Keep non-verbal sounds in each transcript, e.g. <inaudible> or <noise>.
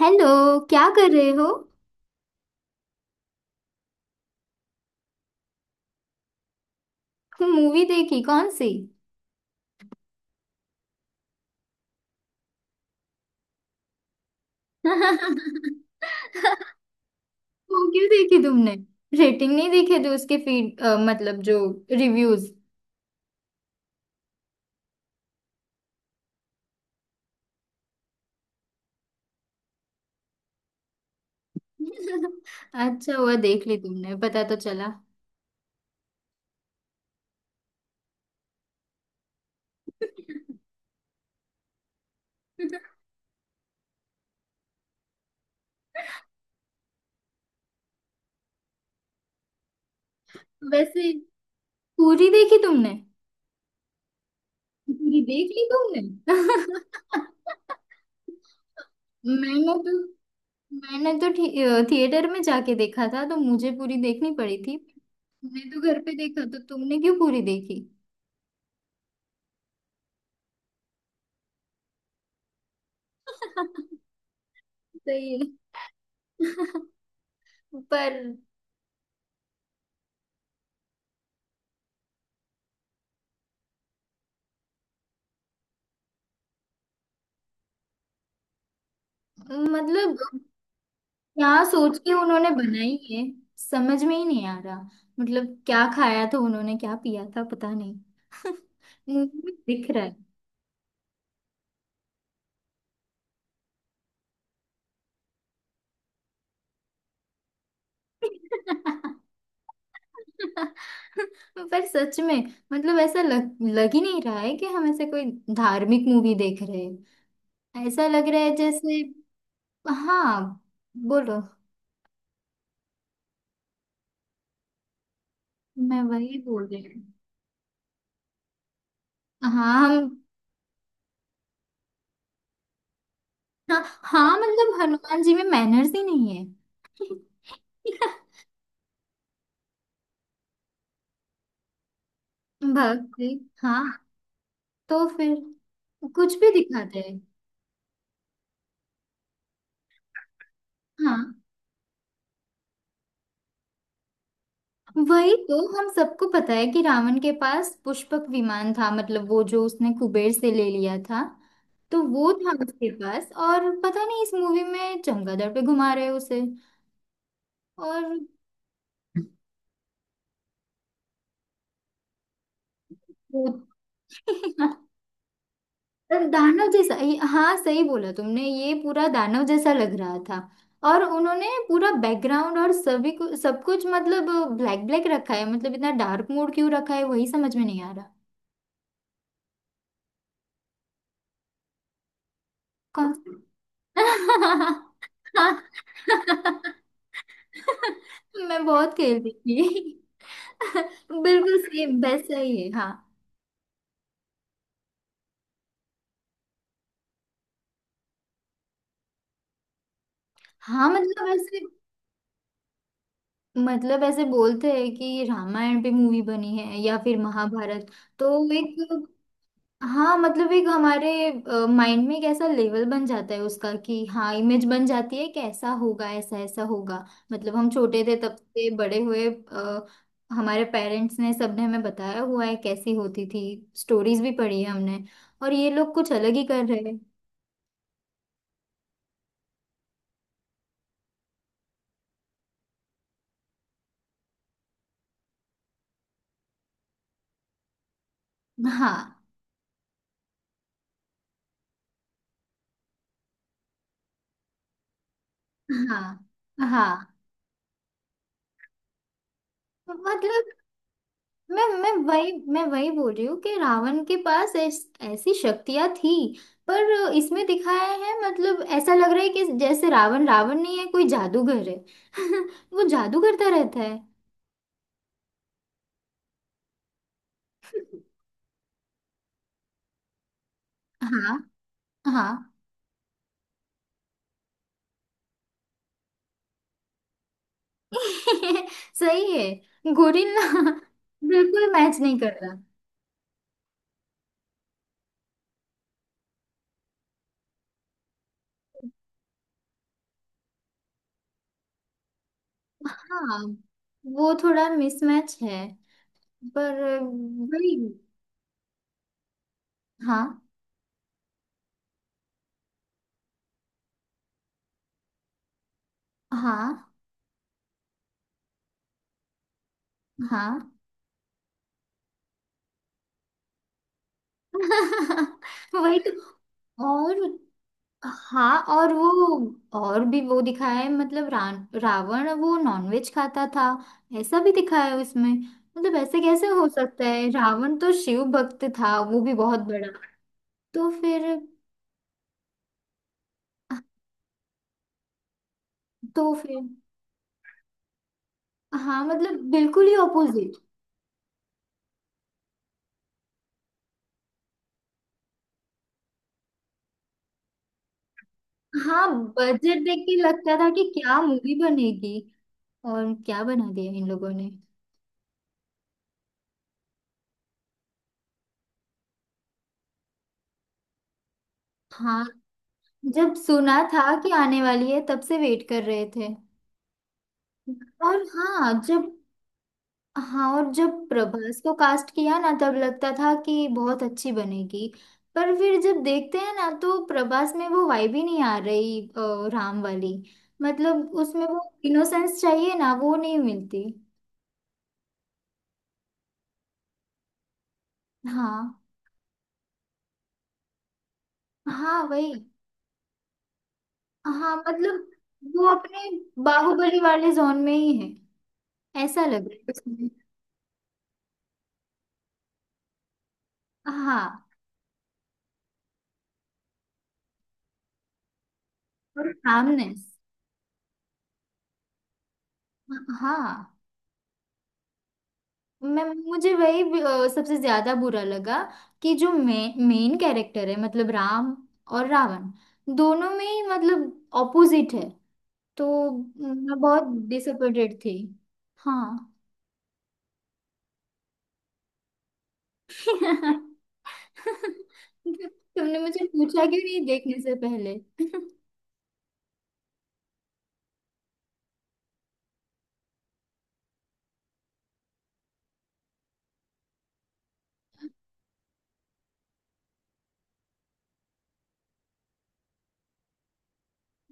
Hello. क्या कर रहे हो। मूवी देखी कौन सी। <laughs> वो क्यों देखी तुमने। रेटिंग नहीं देखे थे उसके फीड मतलब जो रिव्यूज। <laughs> अच्छा हुआ देख ली तुमने। पता तो चला। <laughs> वैसे पूरी देखी तुमने। पूरी देख ली तुमने। <laughs> मैंने तो मैंने तो थिएटर में जाके देखा था तो मुझे पूरी देखनी पड़ी थी। तुमने तो घर पे देखा तो तुमने क्यों पूरी देखी। <laughs> सही है। <laughs> पर। मतलब क्या सोच के उन्होंने बनाई है। समझ में ही नहीं आ रहा। मतलब क्या खाया था उन्होंने क्या पिया था पता नहीं। <laughs> मुंह में दिख रहा है। <laughs> पर सच में। मतलब ऐसा लग लग ही नहीं रहा है कि हम ऐसे कोई धार्मिक मूवी देख रहे हैं। ऐसा लग रहा है जैसे। हाँ। बोलो। मैं वही बोल रही हूँ। हाँ हम। हाँ हाँ, मतलब हनुमान जी में मैनर्स ही नहीं है। <laughs> भक्ति। हाँ। तो फिर कुछ भी दिखाते हैं। हाँ, वही तो हम सबको पता है कि रावण के पास पुष्पक विमान था मतलब वो जो उसने कुबेर से ले लिया था। तो वो था उसके पास और पता नहीं इस मूवी में चमगादड़ पे घुमा रहे हैं उसे। और वो। <laughs> पर दानव जैसा हाँ सही बोला तुमने। ये पूरा दानव जैसा लग रहा था। और उन्होंने पूरा बैकग्राउंड और सभी को सब कुछ मतलब ब्लैक ब्लैक रखा है। मतलब इतना डार्क मोड क्यों रखा है वही समझ में नहीं आ रहा। कौन। <laughs> मैं बहुत खेलती थी। <laughs> बिल्कुल सेम वैसा ही है। हाँ। हाँ मतलब ऐसे बोलते हैं कि रामायण पे मूवी बनी है या फिर महाभारत। तो एक। हाँ मतलब एक हमारे माइंड में एक ऐसा लेवल बन जाता है उसका कि हाँ इमेज बन जाती है कि ऐसा होगा ऐसा ऐसा होगा। मतलब हम छोटे थे तब से बड़े हुए हमारे पेरेंट्स ने सबने हमें बताया हुआ है कैसी होती थी। स्टोरीज भी पढ़ी है हमने। और ये लोग कुछ अलग ही कर रहे हैं। हाँ हाँ हाँ, मतलब मैं वही बोल रही हूँ कि रावण के पास ऐसी शक्तियां थी। पर इसमें दिखाया है मतलब ऐसा लग रहा है कि जैसे रावण रावण नहीं है कोई जादूगर है। <laughs> वो जादू करता रहता है। हाँ हाँ। <laughs> सही है, गोरिल्ला। <laughs> बिल्कुल मैच नहीं कर रहा। हाँ, वो थोड़ा मिसमैच है। पर वही। हाँ हाँ हाँ। <laughs> वही तो। और हाँ। और भी वो दिखाया है मतलब रावण वो नॉनवेज खाता था। ऐसा भी दिखाया है उसमें। मतलब ऐसे कैसे हो सकता है। रावण तो शिव भक्त था वो भी बहुत बड़ा। तो फिर तो फिर। हाँ मतलब बिल्कुल ही ऑपोजिट। हाँ। बजट देख के लगता था कि क्या मूवी बनेगी। और क्या बना दिया इन लोगों ने। हाँ, जब सुना था कि आने वाली है तब से वेट कर रहे थे। और हाँ जब। हाँ और जब प्रभास को कास्ट किया ना तब लगता था कि बहुत अच्छी बनेगी। पर फिर जब देखते हैं ना तो प्रभास में वो वाइब ही नहीं आ रही राम वाली। मतलब उसमें वो इनोसेंस चाहिए ना वो नहीं मिलती। हाँ हाँ, वही। हाँ मतलब वो अपने बाहुबली वाले जोन में ही है। ऐसा लग रहा है उसमें। हाँ। और कामनेस। हाँ। मैं मुझे वही भी, सबसे ज्यादा बुरा लगा कि जो मेन कैरेक्टर है मतलब राम और रावण दोनों में ही मतलब ऑपोजिट है। तो मैं बहुत डिसअपॉइंटेड थी। हाँ। <laughs> तुमने मुझे पूछा क्यों नहीं देखने से पहले। <laughs>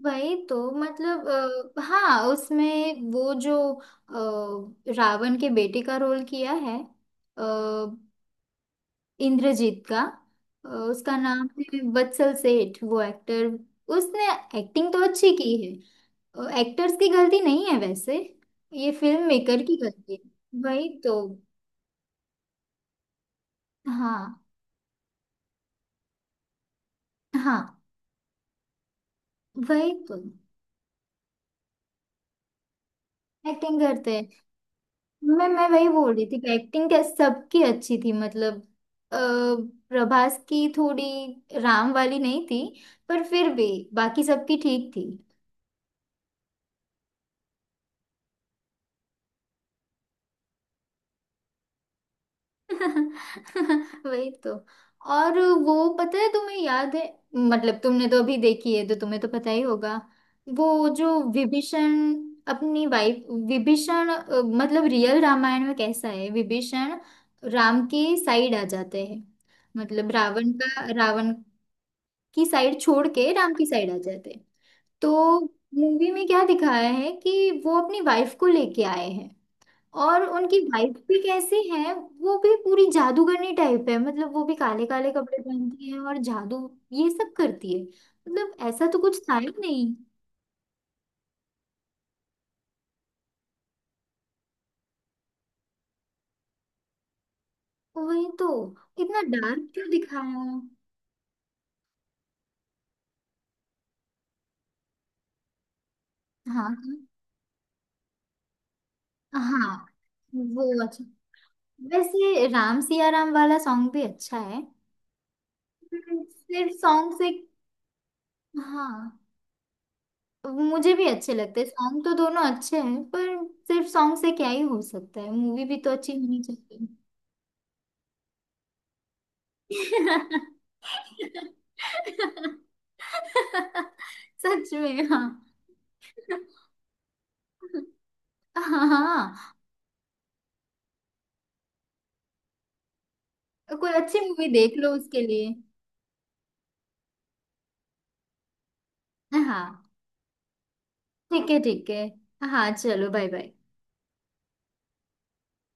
वही तो मतलब। हाँ उसमें वो जो रावण के बेटे का रोल किया है इंद्रजीत का उसका नाम है वत्सल सेठ वो एक्टर। उसने एक्टिंग तो अच्छी की है। एक्टर्स की गलती नहीं है वैसे। ये फिल्म मेकर की गलती है वही तो। हाँ हाँ, वही तो एक्टिंग करते हैं। मैं वही बोल रही थी कि एक्टिंग क्या सबकी अच्छी थी मतलब। अ, प्रभास की थोड़ी राम वाली नहीं थी। पर फिर भी बाकी सबकी ठीक थी। <laughs> वही तो। और वो पता है तुम्हें याद है मतलब तुमने तो अभी देखी है तो तुम्हें तो पता ही होगा। वो जो विभीषण अपनी वाइफ। विभीषण मतलब रियल रामायण में कैसा है विभीषण राम के साइड आ जाते हैं। मतलब रावण की साइड छोड़ के राम की साइड आ जाते हैं। तो मूवी में क्या दिखाया है कि वो अपनी वाइफ को लेके आए हैं। और उनकी वाइफ भी कैसी है। वो भी पूरी जादूगरनी टाइप है मतलब वो भी काले काले कपड़े पहनती है और जादू ये सब करती है। मतलब ऐसा तो कुछ था ही नहीं। वही तो। इतना डार्क क्यों दिखाया। हाँ हाँ हाँ, वो अच्छा। वैसे राम सिया राम वाला सॉन्ग भी अच्छा है। सिर्फ सॉन्ग से। हाँ, मुझे भी अच्छे लगते हैं सॉन्ग तो दोनों अच्छे हैं। पर सिर्फ सॉन्ग से क्या ही हो सकता है मूवी भी तो अच्छी होनी चाहिए। <laughs> <laughs> सच में। हाँ हाँ। हाँ हाँ। कोई अच्छी मूवी देख लो उसके लिए। हाँ ठीक है ठीक है। हाँ चलो, बाय बाय।